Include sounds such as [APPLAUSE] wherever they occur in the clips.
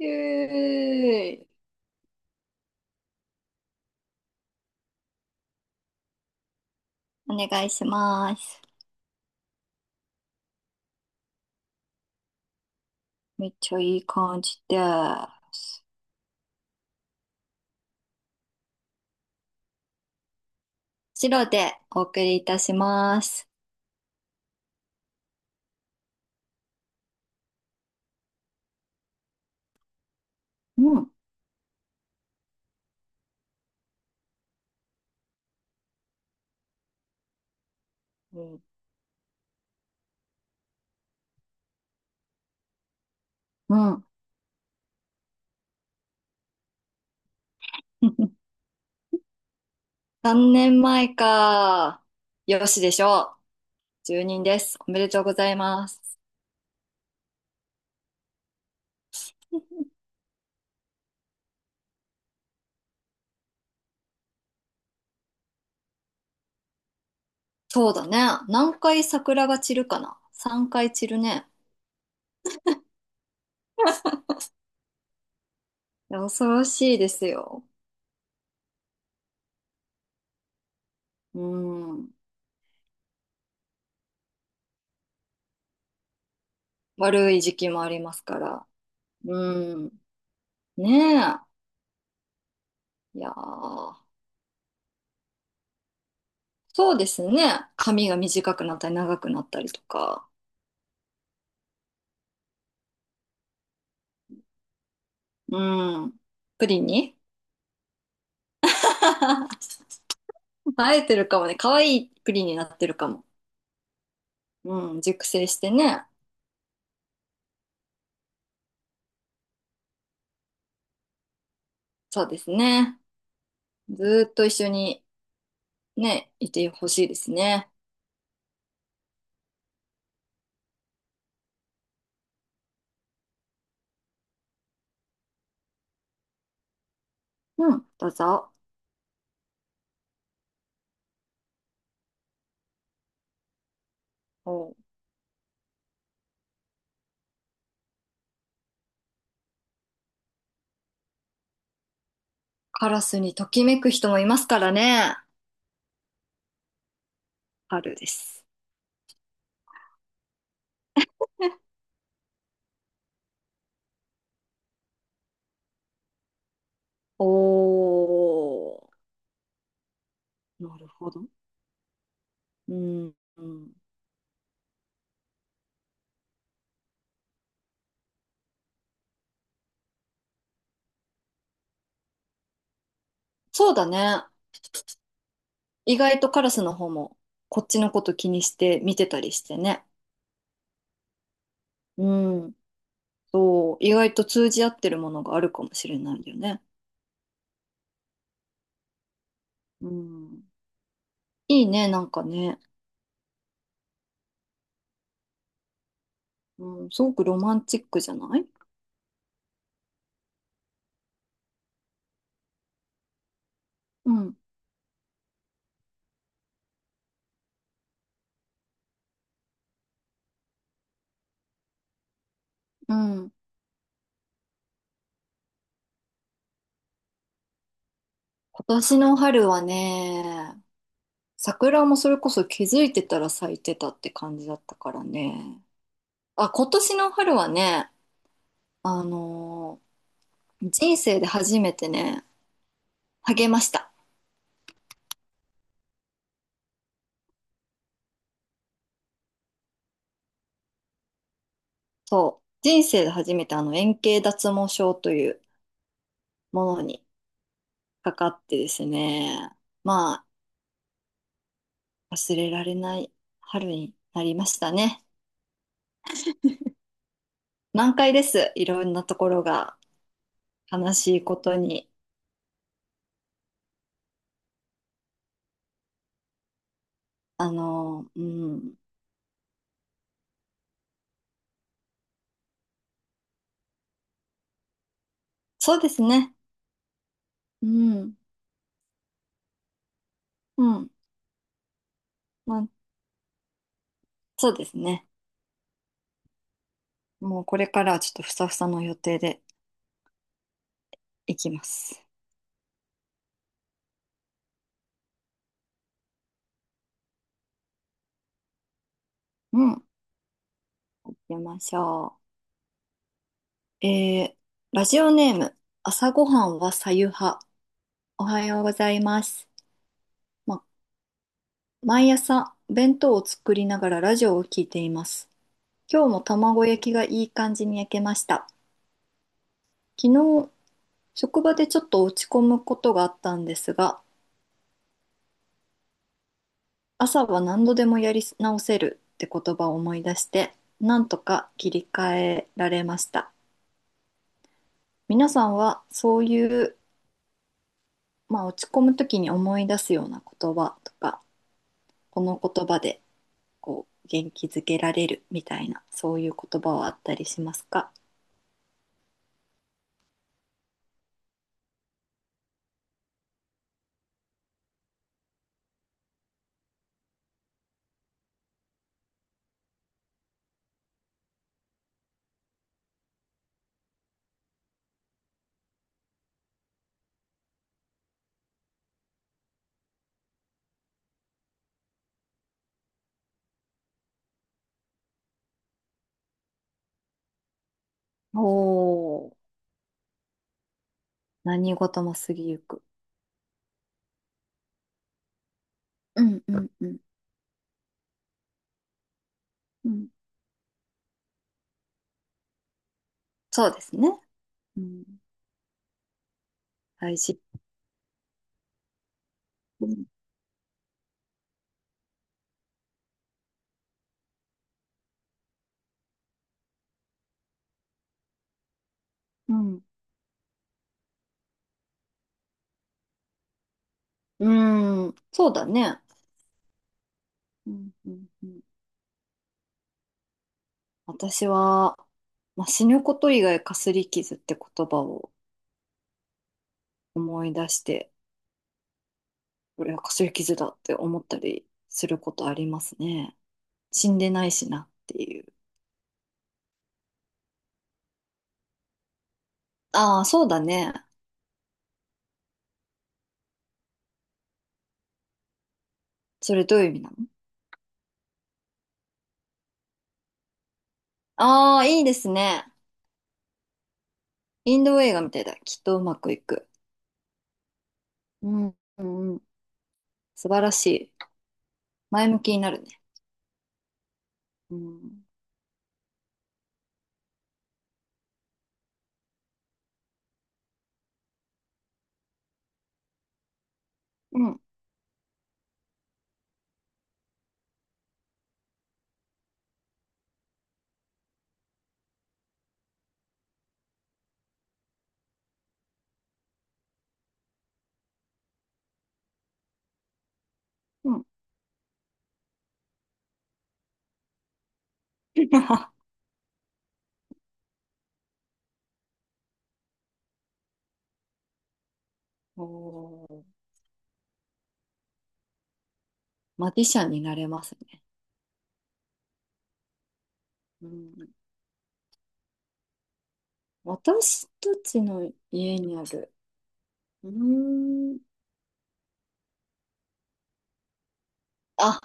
えーお願いします。めっちゃいい感じです。白でお送りいたします。うん、うん。うん [LAUGHS]。3年前か。よしでしょう。1人です。おめでとうございます。そうだね。何回桜が散るかな？ 3 回散るね。いや恐ろしいですよ。うん。悪い時期もありますから。うん。ねえ。いやー。そうですね。髪が短くなったり長くなったりとか。うん。プリンに [LAUGHS] 生えてるかもね。可愛いプリンになってるかも。うん。熟成してね。そうですね。ずーっと一緒にね、いてほしいですね。うん。どうぞ。おう、カラスにときめく人もいますからね。春です。[LAUGHS] おー。なるほど。うん。うん、そうだね。意外とカラスの方もこっちのこと気にして見てたりしてね。うん。そう、意外と通じ合ってるものがあるかもしれないよね。うん。いいね、なんかね。うん、すごくロマンチックじゃない？うん、うん。今年の春はね、桜もそれこそ気づいてたら咲いてたって感じだったからね。あ、今年の春はね、あの人生で初めてね、励ました。そう、人生で初めてあの円形脱毛症というものにかかってですね、まあ、忘れられない春になりましたね。難解です。いろんなところが悲しいことに。うん、そうですね。うん、うん、まあ、そうですね。もうこれからはちょっとふさふさの予定でいきます。うん、行きましょう。ラジオネーム、朝ごはんはさゆは。おはようございます。ま、毎朝弁当を作りながらラジオを聞いています。今日も卵焼きがいい感じに焼けました。昨日、職場でちょっと落ち込むことがあったんですが、朝は何度でもやり直せるって言葉を思い出して、なんとか切り替えられました。皆さんはそういう、まあ、落ち込む時に思い出すような言葉とか、この言葉でこう元気づけられるみたいな、そういう言葉はあったりしますか？おー、何事も過ぎゆく。うん、うん、うん。うん、そうですね。うん。大事。うん、うん。うん。そうだね。うん、うん、うん。私は、まあ、死ぬこと以外かすり傷って言葉を思い出して、これはかすり傷だって思ったりすることありますね。死んでないしなっていう。ああ、そうだね。それどういう意味なの？ああ、いいですね。インド映画みたいだ。きっとうまくいく。うん、うん、うん。素晴らしい。前向きになるね。うん。うん、うん。[LAUGHS] おー、マジシャンになれますね。うん。私たちの家にある、うーん。あ、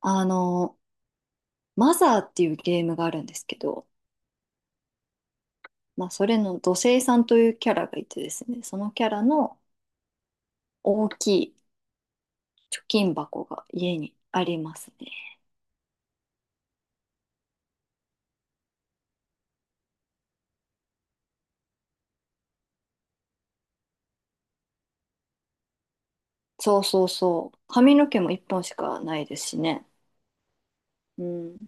あの、マザーっていうゲームがあるんですけど、まあ、それの土星さんというキャラがいてですね、そのキャラの大きい貯金箱が家にありますね。そうそうそう。髪の毛も一本しかないですしね。うん。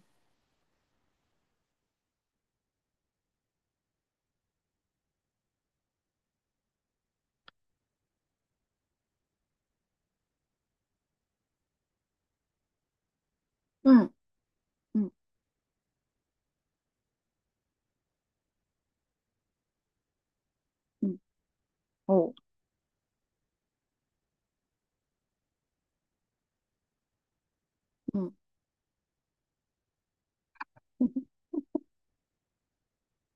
うん、うん、うん、おう。うん。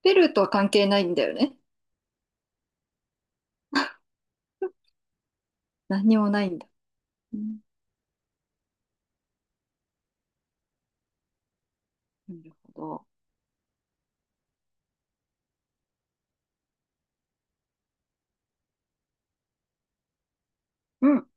ペルーとは関係ないんだよね。何にもないんだ。うん、なるほど。うん